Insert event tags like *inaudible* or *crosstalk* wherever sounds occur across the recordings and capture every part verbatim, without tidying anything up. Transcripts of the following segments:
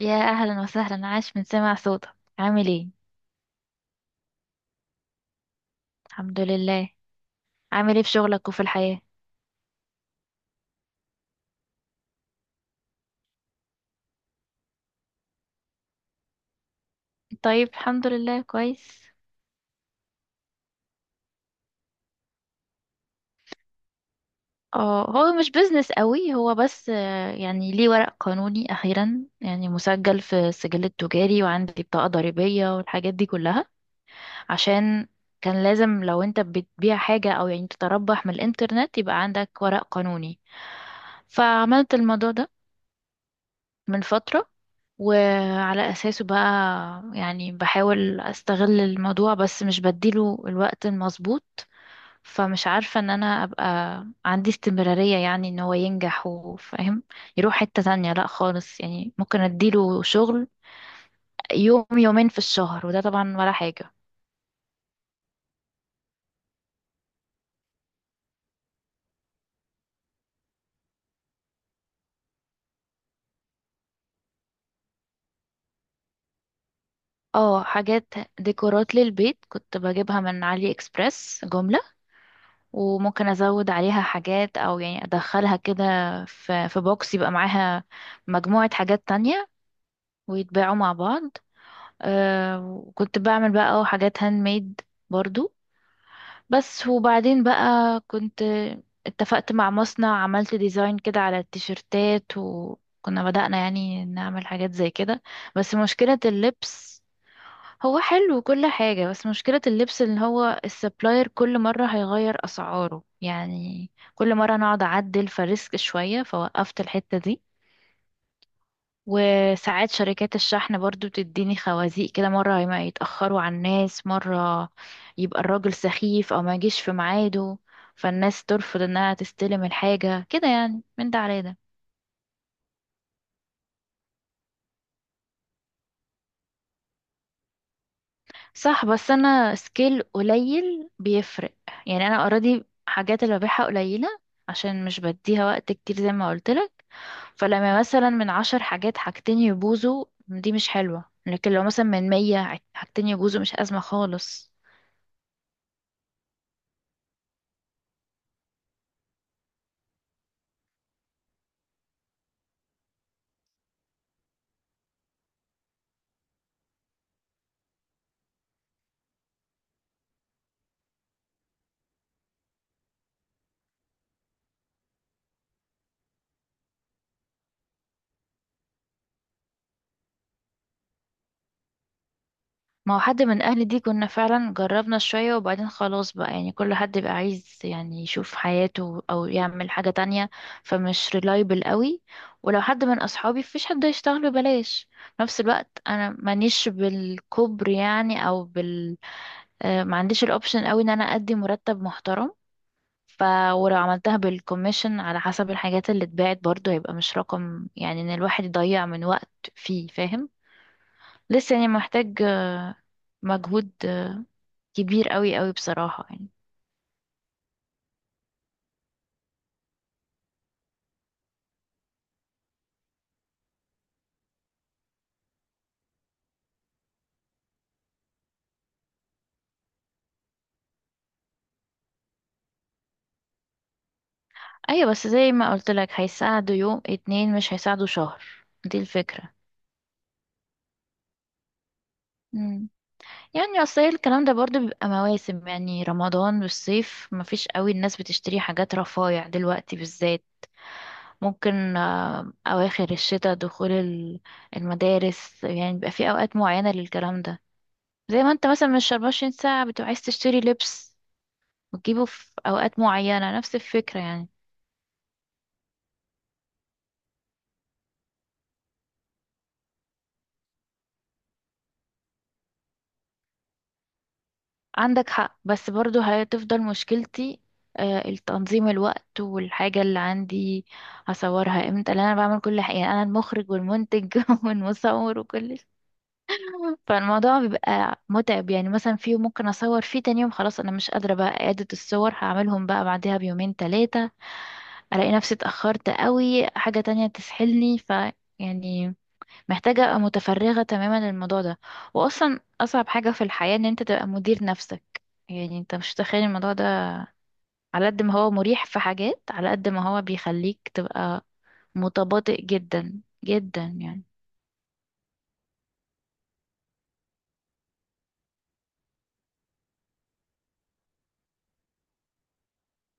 يا اهلا وسهلا، عاش من سمع صوتك. عامل ايه؟ الحمد لله. عامل ايه في شغلك وفي الحياة؟ طيب، الحمد لله، كويس. اه، هو مش بيزنس قوي، هو بس آه، يعني ليه ورق قانوني اخيرا، يعني مسجل في السجل التجاري وعندي بطاقة ضريبية والحاجات دي كلها. عشان كان لازم، لو انت بتبيع حاجة او يعني تتربح من الانترنت، يبقى عندك ورق قانوني. فعملت الموضوع ده من فترة. وعلى أساسه بقى، يعني بحاول أستغل الموضوع بس مش بديله الوقت المظبوط. فمش عارفة ان انا ابقى عندي استمرارية، يعني ان هو ينجح وفاهم يروح حتة تانية، لا خالص، يعني ممكن اديله شغل يوم يومين في الشهر وده طبعا ولا حاجة. اه، حاجات ديكورات للبيت كنت بجيبها من علي اكسبريس جملة. وممكن ازود عليها حاجات او يعني ادخلها كده في في بوكس يبقى معاها مجموعة حاجات تانية ويتباعوا مع بعض. آه وكنت بعمل بقى حاجات هاند ميد برضو. بس وبعدين بقى كنت اتفقت مع مصنع، عملت ديزاين كده على التيشيرتات وكنا بدأنا يعني نعمل حاجات زي كده. بس مشكلة اللبس، هو حلو وكل حاجة، بس مشكلة اللبس اللي هو السبلاير كل مرة هيغير أسعاره يعني. كل مرة نقعد أعدل فريسك شوية، فوقفت الحتة دي. وساعات شركات الشحن برضو بتديني خوازيق كده، مرة ما يتأخروا على الناس، مرة يبقى الراجل سخيف أو ما يجيش في ميعاده. فالناس ترفض انها تستلم الحاجة، كده يعني، من ده على ده. صح، بس انا سكيل قليل بيفرق، يعني انا اوريدي حاجات اللي ببيعها قليلة عشان مش بديها وقت كتير زي ما قلت لك. فلما مثلا من عشر حاجات، حاجتين يبوظوا دي مش حلوة، لكن لو مثلا من مية، حاجتين يبوظوا مش أزمة خالص. ما هو حد من اهلي دي كنا فعلا جربنا شوية، وبعدين خلاص بقى، يعني كل حد بقى عايز يعني يشوف حياته او يعمل حاجة تانية، فمش ريلايبل قوي. ولو حد من اصحابي فيش حد هيشتغل ببلاش. في نفس الوقت انا مانيش بالكبر يعني او بال آه، ما عنديش الاوبشن قوي ان انا ادي مرتب محترم. ف ولو عملتها بالكوميشن على حسب الحاجات اللي اتباعت برضه هيبقى مش رقم، يعني ان الواحد يضيع من وقت فيه فاهم. لسه يعني محتاج آه، مجهود آه، كبير قوي قوي بصراحة يعني. ايوه، بس زي ما قلت لك هيساعدوا يوم اتنين مش هيساعدوا شهر. دي الفكرة. مم. يعني اصل هي الكلام ده برضو بيبقى مواسم، يعني رمضان والصيف مفيش قوي، الناس بتشتري حاجات رفايع دلوقتي بالذات. ممكن آه، اواخر الشتاء، دخول ال- المدارس، يعني بيبقى في اوقات معينة للكلام ده. زي ما انت مثلا مش 24 ساعة بتبقى عايز تشتري لبس وتجيبه في اوقات معينة، نفس الفكرة يعني. عندك حق، بس برضو هتفضل مشكلتي آه، التنظيم، الوقت والحاجة اللي عندي هصورها امتى، لان انا بعمل كل حاجة، يعني انا المخرج والمنتج *laughs* والمصور وكل شيء. فالموضوع بيبقى متعب، يعني مثلا في يوم ممكن اصور فيه، تاني يوم خلاص انا مش قادرة بقى، اعادة الصور هعملهم بقى بعدها بيومين تلاتة. الاقي نفسي اتأخرت قوي، حاجة تانية تسحلني. ف يعني محتاجة أبقى متفرغة تماما للموضوع ده. وأصلا أصعب حاجة في الحياة إن أنت تبقى مدير نفسك، يعني أنت مش متخيل الموضوع ده. على قد ما هو مريح في حاجات، على قد ما هو بيخليك تبقى متباطئ جدا جدا يعني.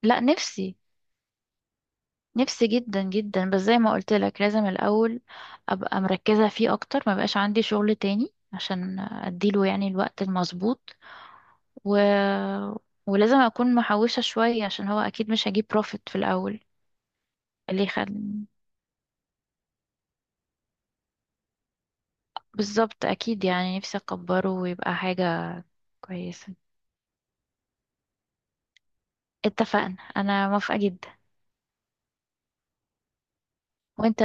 لا، نفسي، نفسي جدا جدا، بس زي ما قلت لك لازم الأول أبقى مركزة فيه أكتر، ما بقاش عندي شغل تاني عشان أديله يعني الوقت المظبوط و... ولازم أكون محوشة شوية، عشان هو أكيد مش هجيب بروفيت في الأول. اللي يخلي، بالظبط اكيد، يعني نفسي اكبره ويبقى حاجة كويسة. اتفقنا، انا موافقة جدا. وانت،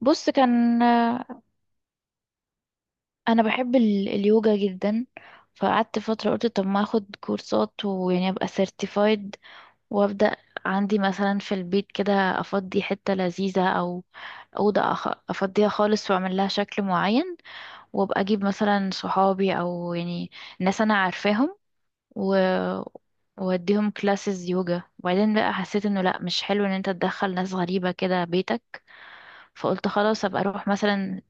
بص، كان انا بحب ال- اليوجا جدا. فقعدت فترة قلت طب ما اخد كورسات ويعني ابقى سيرتيفايد، وابدأ عندي مثلا في البيت كده، افضي حتة لذيذة او أوضة أخ- أفضيها خالص، وأعمل لها شكل معين. وأبقى أجيب مثلا صحابي أو يعني ناس أنا عارفاهم، و... واديهم كلاسز يوجا. وبعدين بقى حسيت انه لا، مش حلو ان انت تدخل ناس غريبة كده بيتك. فقلت خلاص ابقى اروح مثلا.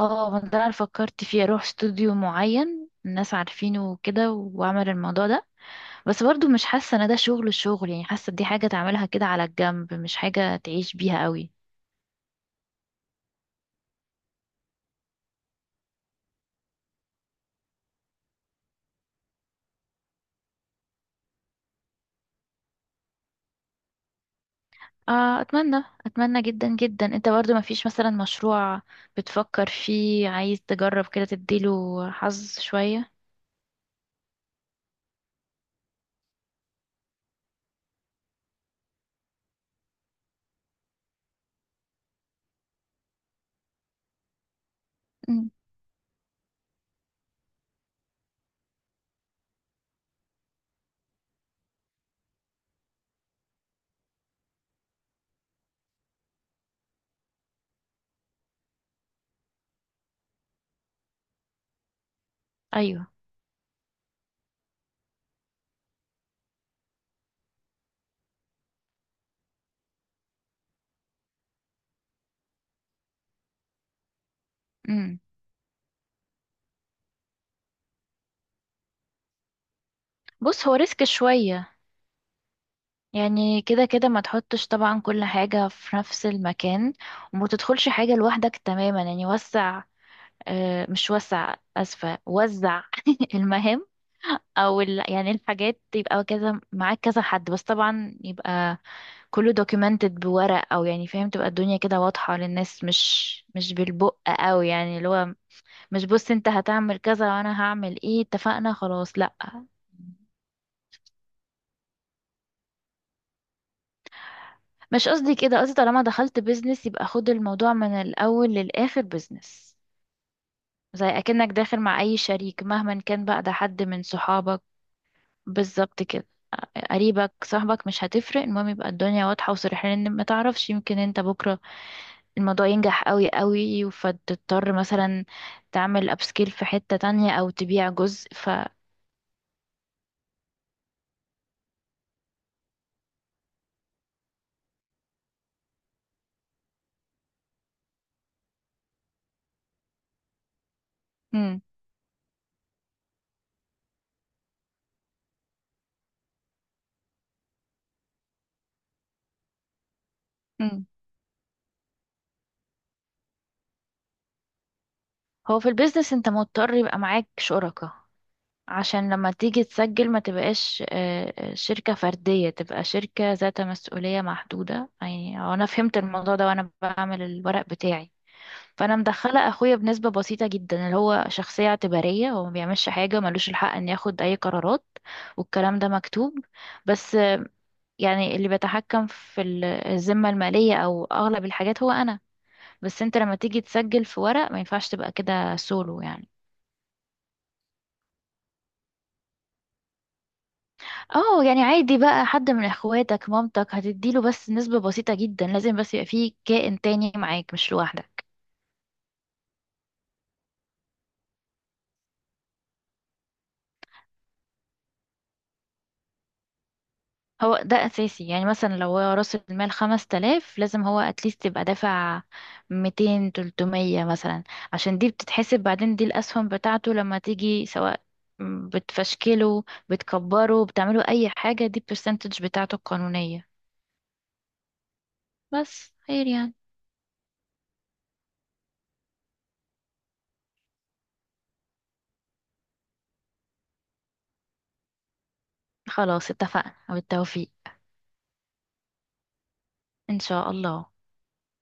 اه، ما ده انا فكرت فيه، اروح استوديو معين الناس عارفينه وكده واعمل الموضوع ده. بس برضو مش حاسة ان ده شغل الشغل، يعني حاسة دي حاجة تعملها كده على الجنب، مش حاجة تعيش بيها قوي. آه اتمنى، اتمنى جدا جدا. انت برضو ما فيش مثلا مشروع بتفكر فيه عايز تجرب كده تديله حظ شوية؟ مم. ايوه، بص، هو ريسك شوية يعني، كده كده ما تحطش طبعا كل حاجة في نفس المكان. وما تدخلش حاجة لوحدك تماما، يعني وسع، آه، مش وسع، أسفة، وزع *laughs* المهام. او ال... يعني الحاجات يبقى كذا معاك كذا حد، بس طبعا يبقى كله documented بورق او يعني فاهم، تبقى الدنيا كده واضحة للناس، مش مش بالبق قوي، يعني اللي هو مش بص انت هتعمل كذا وانا هعمل ايه اتفقنا خلاص لا. مش قصدي كده، قصدي طالما دخلت بيزنس يبقى خد الموضوع من الأول للآخر بيزنس. زي أكنك داخل مع أي شريك مهما كان بقى، ده حد من صحابك. بالظبط كده، قريبك، صاحبك، مش هتفرق، المهم يبقى الدنيا واضحة وصريحة، لأن ما تعرفش، يمكن انت بكرة الموضوع ينجح قوي قوي فتضطر مثلا تعمل أبسكيل في حتة تانية أو تبيع جزء. ف مم. مم. هو في البيزنس انت مضطر يبقى معاك شركاء. عشان لما تيجي تسجل ما تبقاش آه، آه، شركة فردية، تبقى شركة ذات مسؤولية محدودة، يعني هو أنا فهمت الموضوع ده وأنا بعمل الورق بتاعي. فأنا مدخلة أخويا بنسبة بسيطة جدا، اللي هو شخصية اعتبارية، هو ما بيعملش حاجة، ملوش الحق إن ياخد أي قرارات، والكلام ده مكتوب. بس آه، يعني اللي بيتحكم في ال- الذمة المالية أو أغلب الحاجات هو أنا. بس أنت لما تيجي تسجل في ورق ما ينفعش تبقى كده سولو يعني. اه، يعني عادي بقى، حد من اخواتك، مامتك، هتديله بس نسبة بسيطة جدا، لازم بس يبقى فيه كائن تاني معاك مش لوحدك. هو ده اساسي، يعني مثلا لو هو راس المال خمس تلاف، لازم هو اتليست يبقى دافع ميتين تلتمية مثلا، عشان دي بتتحسب بعدين، دي الاسهم بتاعته لما تيجي سواء بتفشكله بتكبره بتعمله اي حاجة، دي البرسنتج بتاعته القانونية. بس خير يعني. خلاص اتفقنا وبالتوفيق ان شاء الله.